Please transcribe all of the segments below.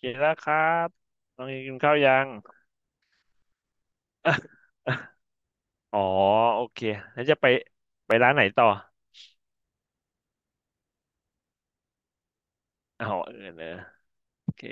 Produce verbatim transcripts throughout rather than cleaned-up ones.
กินแล้วครับน้องเอกินข้าวยัง อ๋อ โอเคแล้วจะไปไปร้านไหนต่ออ๋อเออเนอะโอเค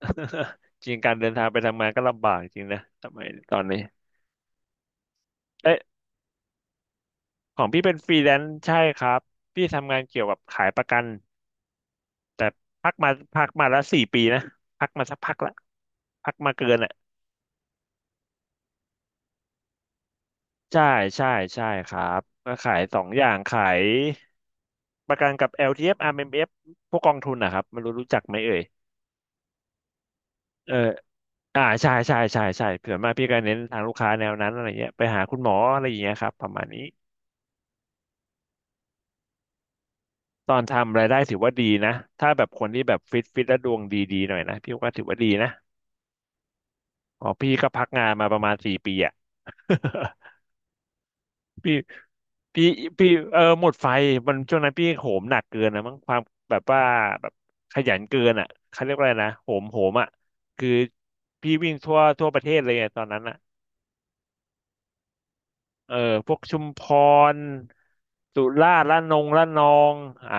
จริงการเดินทางไปทำงานก็ลำบากจริงนะทำไมยตอนนี้ เอ๊ะของพี่เป็นฟรีแลนซ์ใช่ครับ พี่ทำงานเกี่ยวกับขายประกัน แต่พักมาพักมาแล้วสี่ปีนะ พักมาสักพักละพักมาเกิน ใช่ใช่ใช่ครับก็ขายสองอย่างขายประกันกับ แอล ที เอฟ อาร์ เอ็ม เอฟ พวกกองทุนนะครับไม่รู้รู้จักไหมเอ่ยเอออ่าใช่ใช่ใช่ใช่ส่วนมากพี่ก็เน้นทางลูกค้าแนวนั้นอะไรเงี้ยไปหาคุณหมออะไรอย่างเงี้ยครับประมาณนี้ตอนทำรายได้ถือว่าดีนะถ้าแบบคนที่แบบฟิตฟิตและดวงดีๆหน่อยนะพี่ก็ถือว่าดีนะอ๋อพี่ก็พักงานมาประมาณสี่ปีอะ พีพีพีเออหมดไฟมันช่วงนั้นพี่โหมหนักเกินนะมั้งความแบบว่าแบบขยันเกินอ่ะเขาเรียกว่าอะไรนะโหมโหมอ่ะคือพี่วิ่งทั่วทั่วประเทศเลยไงตอนนั้นอ่ะเออพวกชุมพรสุราษฎร์ระนองระนองอ่า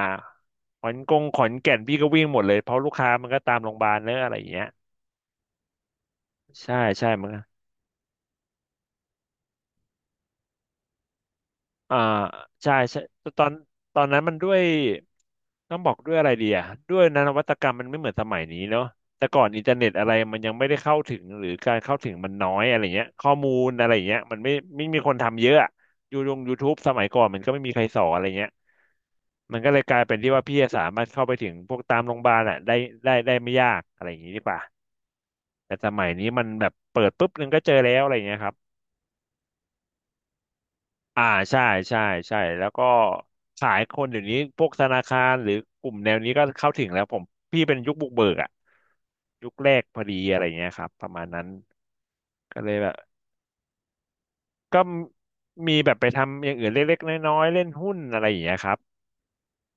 ขอนกงขอนแก่นพี่ก็วิ่งหมดเลยเพราะลูกค้ามันก็ตามโรงพยาบาลเนอะอะไรอย่างเงี้ยใช่ใช่มัน อ่าใช่ใช่ตอนตอนนั้นมันด้วยต้องบอกด้วยอะไรดีอ่ะด้วยนะนวัตกรรมมันไม่เหมือนสมัยนี้เนาะแต่ก่อนอินเทอร์เน็ตอะไรมันยังไม่ได้เข้าถึงหรือการเข้าถึงมันน้อยอะไรเงี้ยข้อมูลอะไรเงี้ยมันไม่ไม่มีคนทำเยอะอะยูลงยูทูบสมัยก่อนมันก็ไม่มีใครสอนอะไรเงี้ยมันก็เลยกลายเป็นที่ว่าพี่สามารถเข้าไปถึงพวกตามโรงพยาบาลอ่ะได้ได้ได้ไม่ยากอะไรอย่างงี้ดีกว่าแต่สมัยนี้มันแบบเปิดปุ๊บนึงก็เจอแล้วอะไรเงี้ยครับ อ่าใช่ใช่ใช่แล้วก็ขายคนเดี๋ยวนี้พวกธนาคารหรือกลุ่มแนวนี้ก็เข้าถึงแล้วผมพี่เป็นยุคบุกเบิกอะยุคแรกพอดีอะไรเงี้ยครับประมาณนั้นก็เลยแบบก็มีแบบไปทำอย่างอื่นเล็กๆน้อยๆเล่นหุ้นอะไรอย่างเงี้ยครับ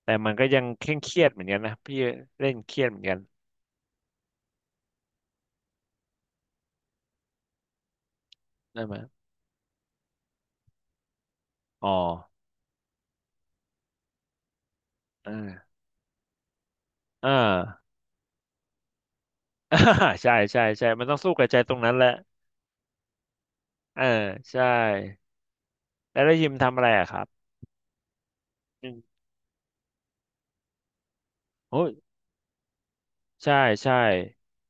แต่มันก็ยังเคร่งเครียดเหมือนกันนะพี่เล่นเครียดเหมือนกันได้ไหมอ๋อเออเออ ใช่ใช่ใช่มันต้องสู้กับใจตรงนั้นแหละเออใช่แล้วได้ยิมทำอะไรอะครับอืมโอ้ย ใช่ใช่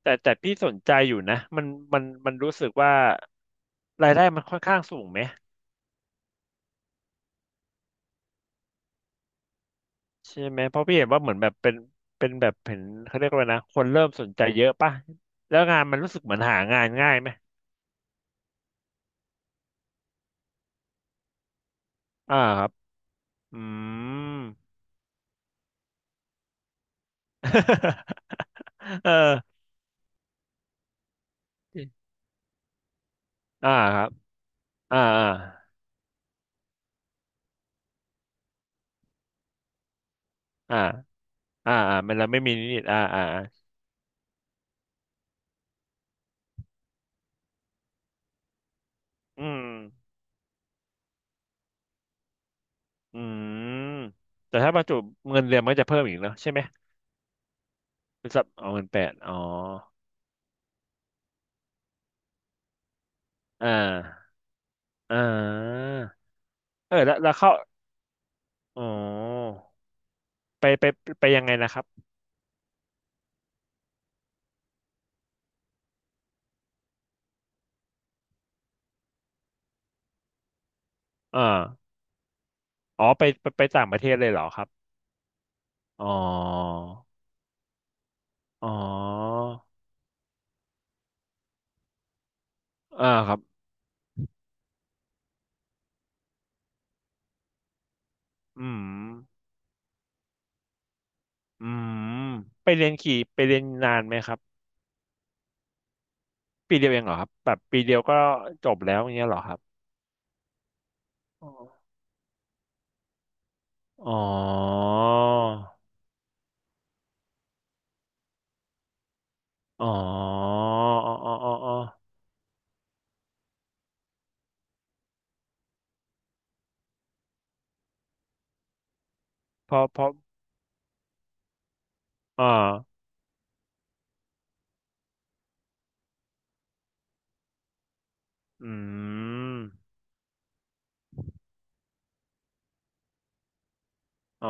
แต่แต่พี่สนใจอยู่นะมันมันมันรู้สึกว่ารายได้มันค่อนข้างสูงไหมใช่ไหมเพราะพี่เห็นว่าเหมือนแบบเป็นเป็นแบบเห็นเขาเรียกว่าอะไรนะคนเริ่มสนใจเยอะป่ะแล้วงานมันรู้สึกเหมือนหางานง่ายไหมอ่าครับอืม เอออ่าครับอ่าอ่าอ่าอ่าอ่ามันเราไม่มีนิดๆอ่าอ่าอ่าอืมอืมแต่ถ้าประจุเงินเดือนมันก็จะเพิ่มอีกเนอะใช่ไหมเป็นสับเอาเงินแปดอ๋อ อ่าอ่าเออแล้วแล้วเข้าอ๋อไปไปไปยังไงนะครับอ่าอ๋อไปไปไปต่างประเทศเลยเหรอครับอ๋ออ๋ออ่าครับอืมอืมไปเรียนขี่ไปเรียนนานไหมครับปีเดียวเองเหรอครับแบบปีเดียวก็จบแล้วอย่างเงี้ยเหรอครับอ๋ออ๋ออ๋ออ๋ออ๋ออ๋อเพอพออ่าอืมอ๋อ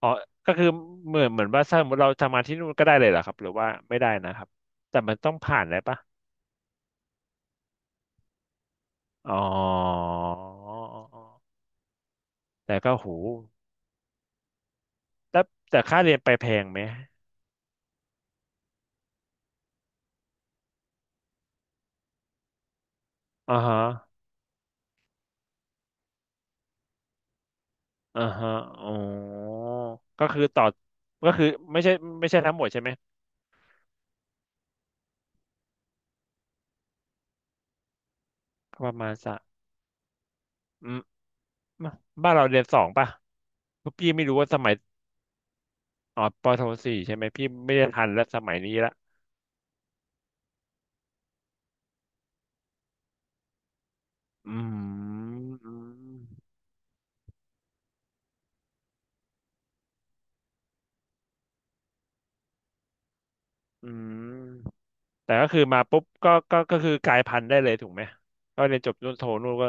อ๋อก็คือเหมือนเหมือนว่าถ้าสมมติเราทำงานที่นู่นก็ได้เลยเหรอครับหรือว่าไม่ได้นะครับแต่มันต้องผ่านอะไรปะอ๋อแต่ก็โหแต่แต่ค่าเรียนไปแพงไหมอ่าฮะอ่าฮะอ๋อก็คือต่อก็คือไม่ใช่ไม่ใช่ทั้งหมดใช่ไหมก็ประมาณสักอืมบ้านเราเรียนสองป่ะคือพี่ไม่รู้ว่าสมัยอ๋อปโทสี่ใช่ไหมพี่ไม่ได้ทันแล้วสมัยนี้ละอืมอืมอืม แต่ก็คือมาปุ๊บก็ก็ก็คือกลายพันธุ์ได้เลยถูกไหมก็เรียนจบนู่นโทนู่นก็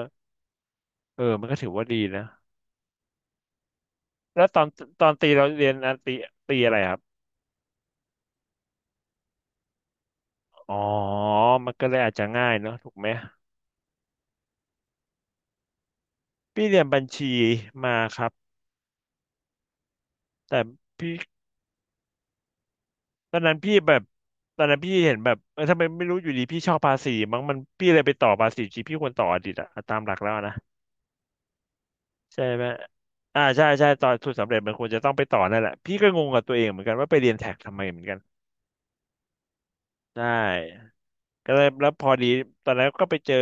เออมันก็ถือว่าดีนะแล้วตอนตอนตีเราเรียนอันตีตีอะไรครับอ๋อมันก็เลยอาจจะง่ายเนอะถูกไหมพี่เรียนบัญชีมาครับแต่พี่ตอนนั้นพี่แบบตอนนั้นพี่เห็นแบบเออทำไมไม่รู้อยู่ดีพี่ชอบภาษีมั้งมันพี่เลยไปต่อภาษีจริงพี่ควรต่ออดีตอะตามหลักแล้วนะใช่ไหมอ่าใช่ใช่ตอนทุนสำเร็จมันควรจะต้องไปต่อนั่นแหละพี่ก็งงกับตัวเองเหมือนกันว่าไปเรียนแท็กทำไมเหมือนกันใช่ ก็เลยแล้วพอดีตอนนั้นก็ไปเจอ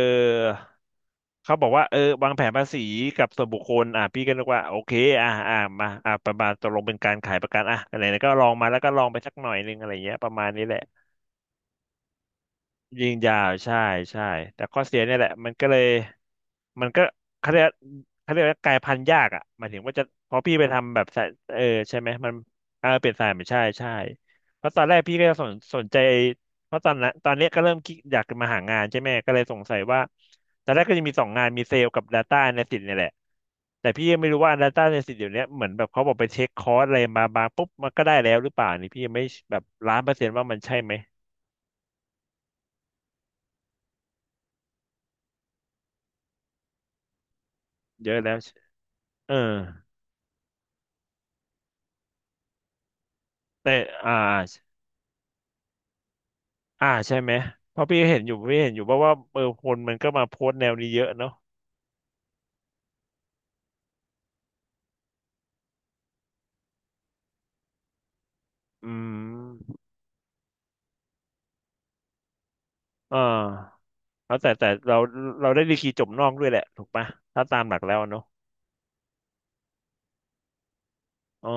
เขาบอกว่าเออวางแผนภาษีกับส่วนบุคคลอ่ะพี่ก็นึกว่าโอเคอ่ะอ่ะมาอ่ะประมาณตกลงเป็นการขายประกันอ่ะอะไรนะก็ลองมาแล้วก็ลองไปสักหน่อยนึงอะไรเงี้ยประมาณนี้แหละ ยิงยาวใช่ใช่แต่ข้อเสียเนี่ยแหละมันก็เลยมันก็เขาเรียกเขาเรียกว่ากลายพันธุ์ยากอ่ะหมายถึงว่าจะพอพี่ไปทำแบบสายเออใช่ไหมมันเออเปลี่ยนสายไม่ใช่ใช่เพราะตอนแรกพี่ก็สนสนใจเพราะตอนนั้นตอนเนี้ยก็เริ่มคิดอยากจะมาหางานใช่ไหมก็เลยสงสัยว่าตอนแรกก็จะมีสองงานมีเซลล์กับ Data Analyst เนี่ยแหละแต่พี่ยังไม่รู้ว่า Data Analyst เดี๋ยวเนี้ยเหมือนแบบเขาบอกไปเช็คคอร์สอะไรมาบางปุ๊บมันก็ได้แล้วหรือเปล่านี่พี่ยังไม่แบบล้านเปอร์เซ็นต์ว่ามันใช่ไหมเยอะแล้วเออ แต่อ่าอ่าใช่ไหมเพราะพี่เห็นอยู่พี่เห็นอยู่ว่าะว่าเออคนมันก็มาโพสต์แนวนี้เยอะเนาะอืม อ่าแล้วแต่แต่เราเราได้ดีกรีจบนอกด้วยแหละถูกปะถ้าตามหลักแล้วเนาะอ๋อ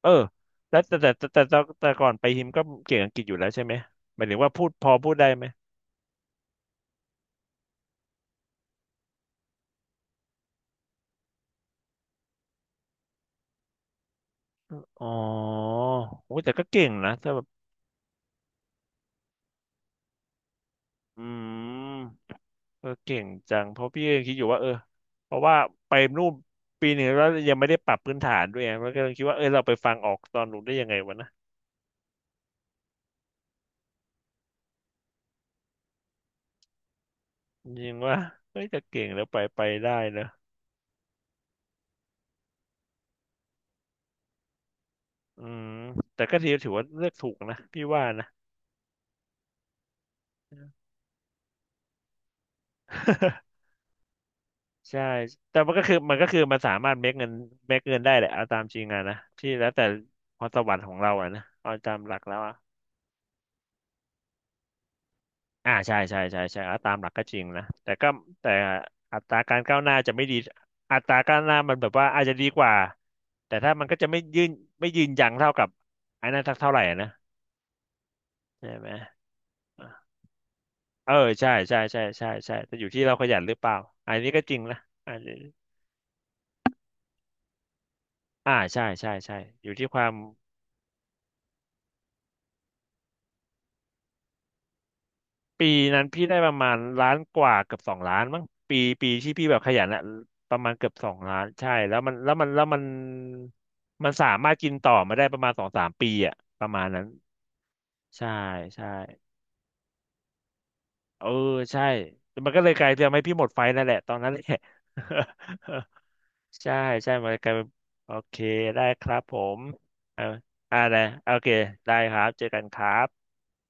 เออแล้วแต่แต่แต่แต่แต่แต่ก่อนไปฮิมก็เก่งอังกฤษอยู่แล้วใช่ไหมหมายถึงว่าพูดพอพูดได้ไหมอ๋อโอ้ยแต่ก็เก่งนะถ้าแบบอืม เออเก่งจังเพราะพี่ยังคิดอยู่ว่าเออเพราะว่าไปนู่นปีหนึ่งแล้วยังไม่ได้ปรับพื้นฐานด้วยไงแล้วก็เลยคิดว่าเออเราไปฟังออกตอนหนูนได้ยังไงวะนะยิงว่าเฮ้ยจะเก่งแล้วไปไปได้เนอะอืมแต่ก็ถือว่าเลือกถูกนะพี่ว่านะ ใช่แต่มันก็คือมันก็คือมันสามารถเมคเงินเมคเงินได้แหละเอาตามจริงอะนะที่แล้วแต่พรสวรรค์ของเราอะนะเอาตามหลักแล้วอะ อ่าใช่ใช่ใช่ใช่อ่ะตามหลักก็จริงนะแต่ก็แต่อัตราการก้าวหน้าจะไม่ดีอัตราก้าวหน้ามันแบบว่าอาจจะดีกว่าแต่ถ้ามันก็จะไม่ยืนไม่ยืนยังเท่ากับไอ้นั่นสักเท่าไหร่อะนะใช่ไหมเออใช่ใช่ใช่ใช่ใช่แต่อยู่ที่เราขยันหรือเปล่าอันนี้ก็จริงนะอันนี้อ่าใช่ใช่ใช่อยู่ที่ความ ปีนั้นพี่ได้ประมาณล้านกว่าเกือบสองล้านมั้งปีปีที่พี่แบบขยันอะประมาณเกือบสองล้านใช่แล้วมันแล้วมันแล้วมันมันสามารถกินต่อมาได้ประมาณสองสามปีอะประมาณนั้นใช่ใช่เออใช่มันก็เลยกลายเป็นทำให้พี่หมดไฟนั่นแหละตอนนั้นแหละ ใช่ใช่มันกลายเป็นโอเคได้ครับผมเอาอะไรโอเคได้ครับเจอกันครับ